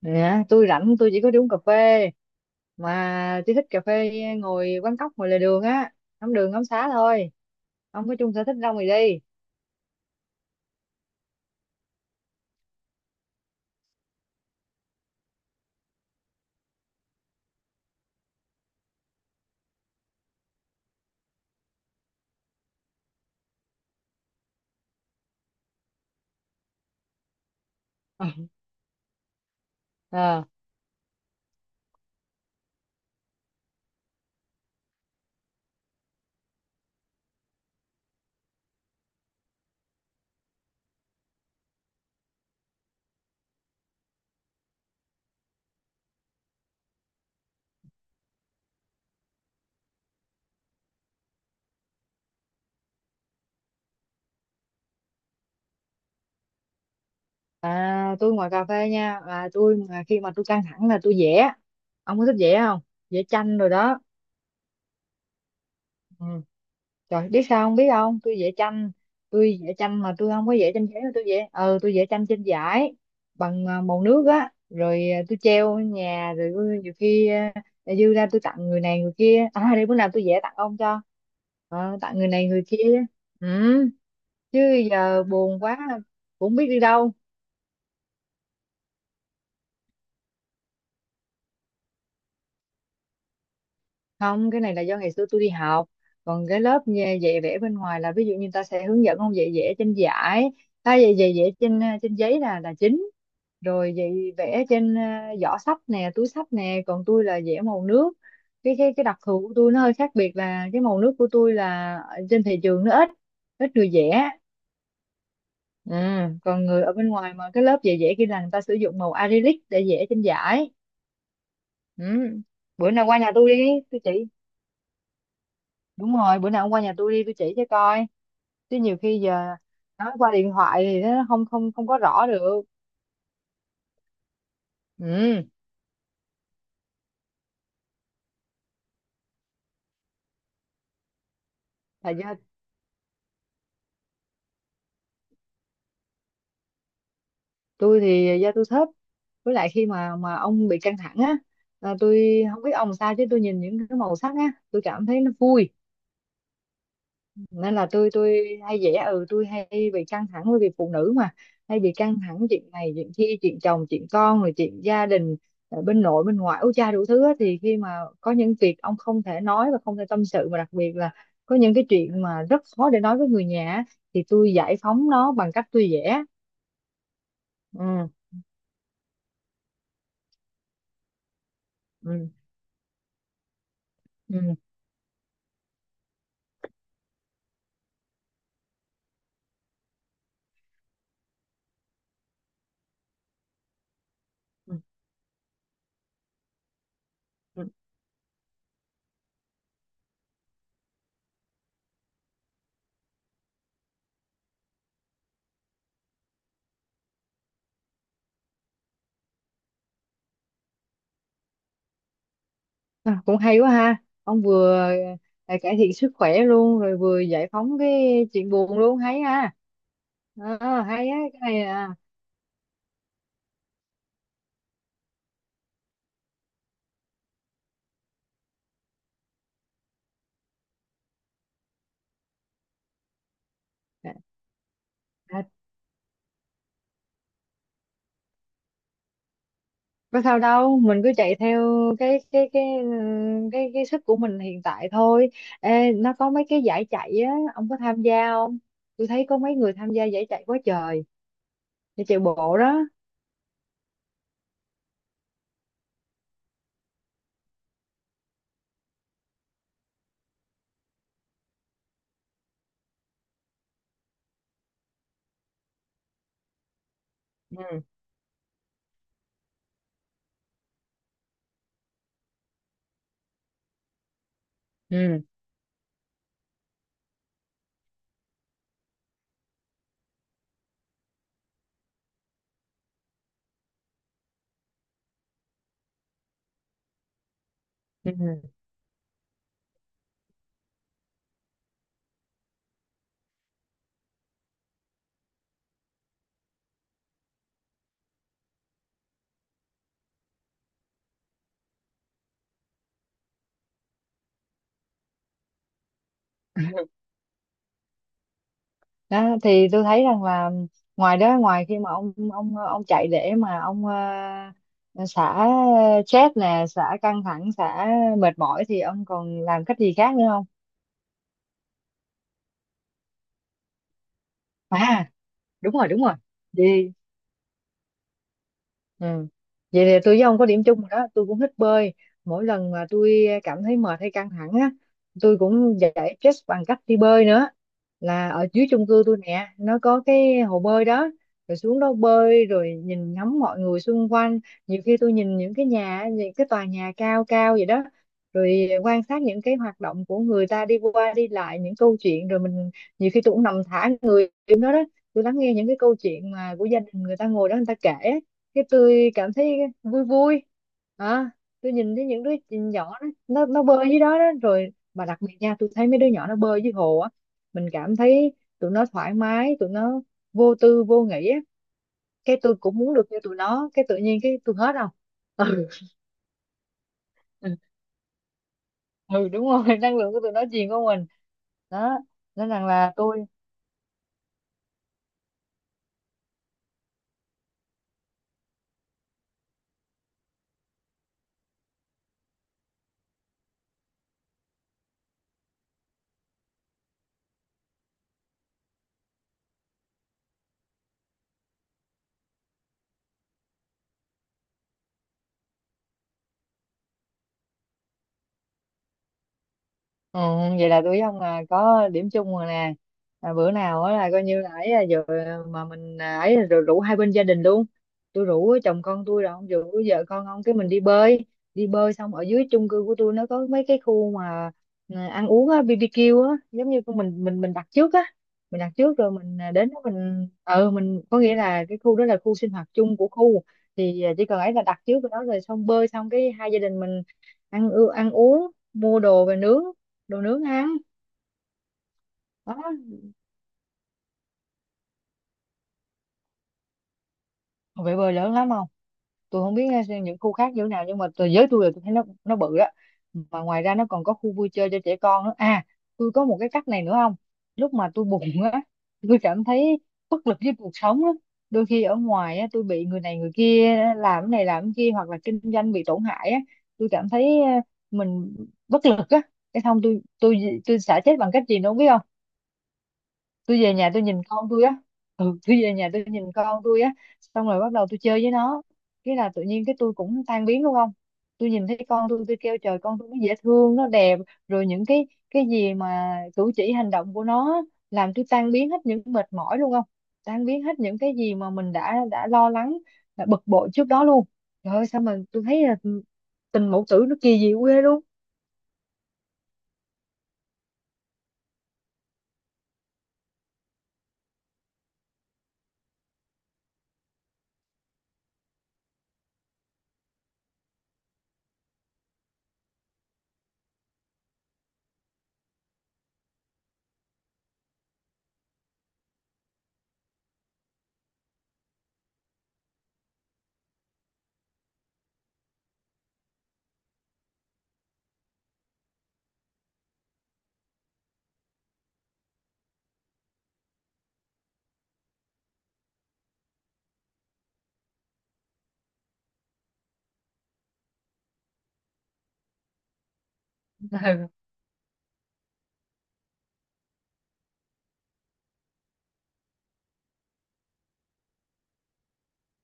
Dạ, tôi rảnh tôi chỉ có đi uống cà phê mà tôi thích cà phê ngồi quán cóc ngồi lề đường á, ngắm đường ngắm xá thôi, không có chung sở thích đâu mà đi. Ờ, tôi ngoài cà phê nha, là tôi mà khi mà tôi căng thẳng là tôi vẽ. Ông có thích vẽ không? Vẽ tranh rồi đó. Ừ. Trời, biết sao không, biết không, tôi vẽ tranh. Tôi vẽ tranh mà tôi không có vẽ tranh giấy, mà tôi vẽ tôi vẽ tranh trên vải bằng màu nước á, rồi tôi treo ở nhà, rồi nhiều khi dư ra tôi tặng người này người kia. À đây, bữa nào tôi vẽ tặng ông cho. Ờ, tặng người này người kia, ừ, chứ giờ buồn quá cũng không biết đi đâu. Không, cái này là do ngày xưa tôi đi học. Còn cái dạy vẽ bên ngoài là ví dụ như người ta sẽ hướng dẫn ông, dạy vẽ trên giải, ta dạy dạy vẽ trên trên giấy là chính, rồi dạy vẽ trên giỏ sách nè, túi sách nè, còn tôi là vẽ màu nước. Cái đặc thù của tôi nó hơi khác biệt là cái màu nước của tôi là ở trên thị trường nó ít ít người vẽ. Ừ. Còn người ở bên ngoài mà cái lớp dạy vẽ kia là người ta sử dụng màu acrylic để vẽ trên giải. Ừ. Bữa nào qua nhà tôi đi, tôi chỉ. Đúng rồi, bữa nào ông qua nhà tôi đi, tôi chỉ cho coi, chứ nhiều khi giờ nói qua điện thoại thì nó không không không có rõ được. Ừ, là do, tôi thì do tôi thấp, với lại khi mà ông bị căng thẳng á, là tôi không biết ông sao chứ tôi nhìn những cái màu sắc á, tôi cảm thấy nó vui. Nên là tôi hay dễ, ừ, tôi hay bị căng thẳng, bởi vì phụ nữ mà, hay bị căng thẳng chuyện này chuyện kia, chuyện chồng chuyện con rồi chuyện gia đình ở bên nội bên ngoại, ú cha đủ thứ á. Thì khi mà có những việc ông không thể nói và không thể tâm sự, mà đặc biệt là có những cái chuyện mà rất khó để nói với người nhà á, thì tôi giải phóng nó bằng cách tôi vẽ. Ừ, ừ, ừ, ừ, ừ. À, cũng hay quá ha, ông vừa cải thiện sức khỏe luôn, rồi vừa giải phóng cái chuyện buồn luôn, hay ha. Ờ, hay á, cái này à, có sao đâu, mình cứ chạy theo cái ừ, cái sức của mình hiện tại thôi. Ê, nó có mấy cái giải chạy á, ông có tham gia không? Tôi thấy có mấy người tham gia giải chạy quá trời, giải chạy bộ đó. Ừ, ừ, ừ đó. Thì tôi thấy rằng là ngoài đó, ngoài khi mà ông chạy để mà ông ờ, xả stress nè, xả căng thẳng, xả mệt mỏi, thì ông còn làm cách gì khác nữa không? À đúng rồi, đúng rồi, đi. Ừ. Vậy thì tôi với ông có điểm chung rồi đó, tôi cũng thích bơi. Mỗi lần mà tôi cảm thấy mệt hay căng thẳng á, tôi cũng giải stress bằng cách đi bơi nữa, là ở dưới chung cư tôi nè, nó có cái hồ bơi đó, rồi xuống đó bơi, rồi nhìn ngắm mọi người xung quanh. Nhiều khi tôi nhìn những cái nhà, những cái tòa nhà cao cao vậy đó, rồi quan sát những cái hoạt động của người ta đi qua đi lại, những câu chuyện, rồi mình nhiều khi tôi cũng nằm thả người xuống đó đó, tôi lắng nghe những cái câu chuyện mà của gia đình người ta ngồi đó người ta kể. Cái tôi cảm thấy vui vui. À, tôi nhìn thấy những đứa nhỏ nó bơi dưới đó, đó, rồi mà đặc biệt nha, tôi thấy mấy đứa nhỏ nó bơi dưới hồ á, mình cảm thấy tụi nó thoải mái, tụi nó vô tư vô nghĩ á. Cái tôi cũng muốn được như tụi nó, cái tự nhiên cái tôi hết không, ừ. Ừ đúng rồi. Năng lượng của tụi nó truyền qua mình đó, nên rằng là tôi. Ừ, vậy là tụi ông là có điểm chung rồi nè. À, bữa nào á là coi như là, ấy là giờ mà mình ấy là rồi, rủ hai bên gia đình luôn, tôi rủ chồng con tôi rồi ông rủ vợ con ông, cái mình đi bơi. Đi bơi xong, ở dưới chung cư của tôi nó có mấy cái khu mà ăn uống á, BBQ á, giống như của mình đặt trước á. Mình đặt trước rồi mình đến đó mình, ừ mình có nghĩa là cái khu đó là khu sinh hoạt chung của khu, thì chỉ cần ấy là đặt trước rồi đó, rồi xong bơi xong cái hai gia đình mình ăn uống mua đồ về nướng, đồ nướng ăn đó. Còn bơi lớn lắm không, tôi không biết, những khu khác như thế nào nhưng mà tôi, giới tôi là tôi thấy nó bự á, mà ngoài ra nó còn có khu vui chơi cho trẻ con nữa. À tôi có một cái cách này nữa không, lúc mà tôi buồn á, tôi cảm thấy bất lực với cuộc sống á, đôi khi ở ngoài á tôi bị người này người kia làm cái này làm cái kia, hoặc là kinh doanh bị tổn hại á, tôi cảm thấy uh, mình bất lực á. Cái xong tôi tôi xả stress bằng cách gì nữa không, biết không? Tôi về nhà tôi nhìn con tôi á. Ừ, tôi về nhà tôi nhìn con tôi á, xong rồi bắt đầu tôi chơi với nó, cái là tự nhiên cái tôi cũng tan biến luôn không. Tôi nhìn thấy con tôi kêu trời, con tôi nó dễ thương, nó đẹp, rồi những cái gì mà cử chỉ hành động của nó á, làm tôi tan biến hết những mệt mỏi luôn không, tan biến hết những cái gì mà mình đã lo lắng, đã bực bội trước đó luôn. Trời ơi, sao mà tôi thấy là tình mẫu tử nó kỳ diệu ghê luôn. Ừ,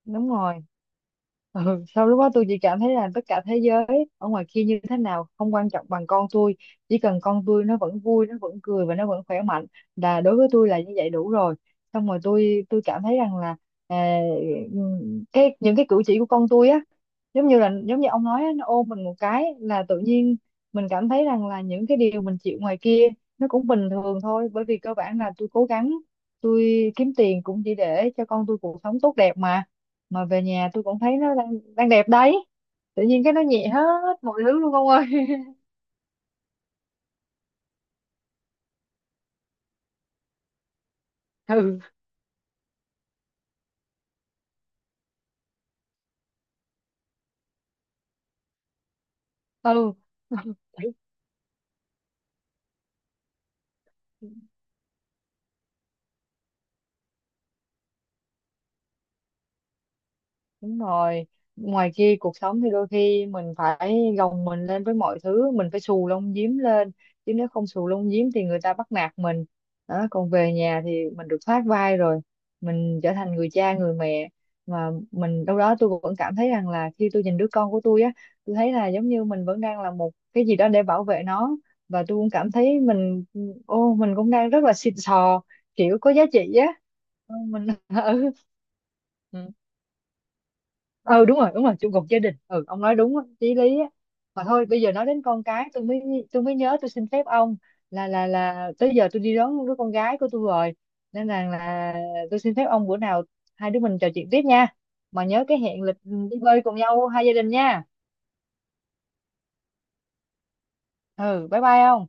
đúng rồi. Ừ, sau lúc đó tôi chỉ cảm thấy là tất cả thế giới ở ngoài kia như thế nào không quan trọng bằng con tôi. Chỉ cần con tôi nó vẫn vui, nó vẫn cười và nó vẫn khỏe mạnh, là đối với tôi là như vậy đủ rồi. Xong rồi tôi cảm thấy rằng là à, cái những cái cử chỉ của con tôi á, giống như là giống như ông nói á, nó ôm mình một cái là tự nhiên mình cảm thấy rằng là những cái điều mình chịu ngoài kia nó cũng bình thường thôi, bởi vì cơ bản là tôi cố gắng, tôi kiếm tiền cũng chỉ để cho con tôi cuộc sống tốt đẹp mà. Mà về nhà tôi cũng thấy nó đang đang đẹp đấy, tự nhiên cái nó nhẹ hết mọi thứ luôn ông ơi. Ừ, ừ. Đúng rồi, ngoài kia cuộc sống thì đôi khi mình phải gồng mình lên với mọi thứ, mình phải xù lông giếm lên, chứ nếu không xù lông giếm thì người ta bắt nạt mình. Đó, còn về nhà thì mình được thoát vai rồi, mình trở thành người cha, người mẹ. Mà mình đâu đó tôi vẫn cảm thấy rằng là khi tôi nhìn đứa con của tôi á, tôi thấy là giống như mình vẫn đang là một cái gì đó để bảo vệ nó. Và tôi cũng cảm thấy mình, ô, mình cũng đang rất là xịn sò, kiểu có giá trị á. Ừ, mình, ừ, ừ, đúng rồi, đúng rồi, trụ cột gia đình, ừ ông nói đúng á, chí lý á. Mà thôi bây giờ nói đến con cái tôi mới, tôi mới nhớ, tôi xin phép ông là tới giờ tôi đi đón đứa con gái của tôi rồi, nên là tôi xin phép ông, bữa nào hai đứa mình trò chuyện tiếp nha, mà nhớ cái hẹn lịch đi bơi cùng nhau hai gia đình nha. Ừ, bye bye ông.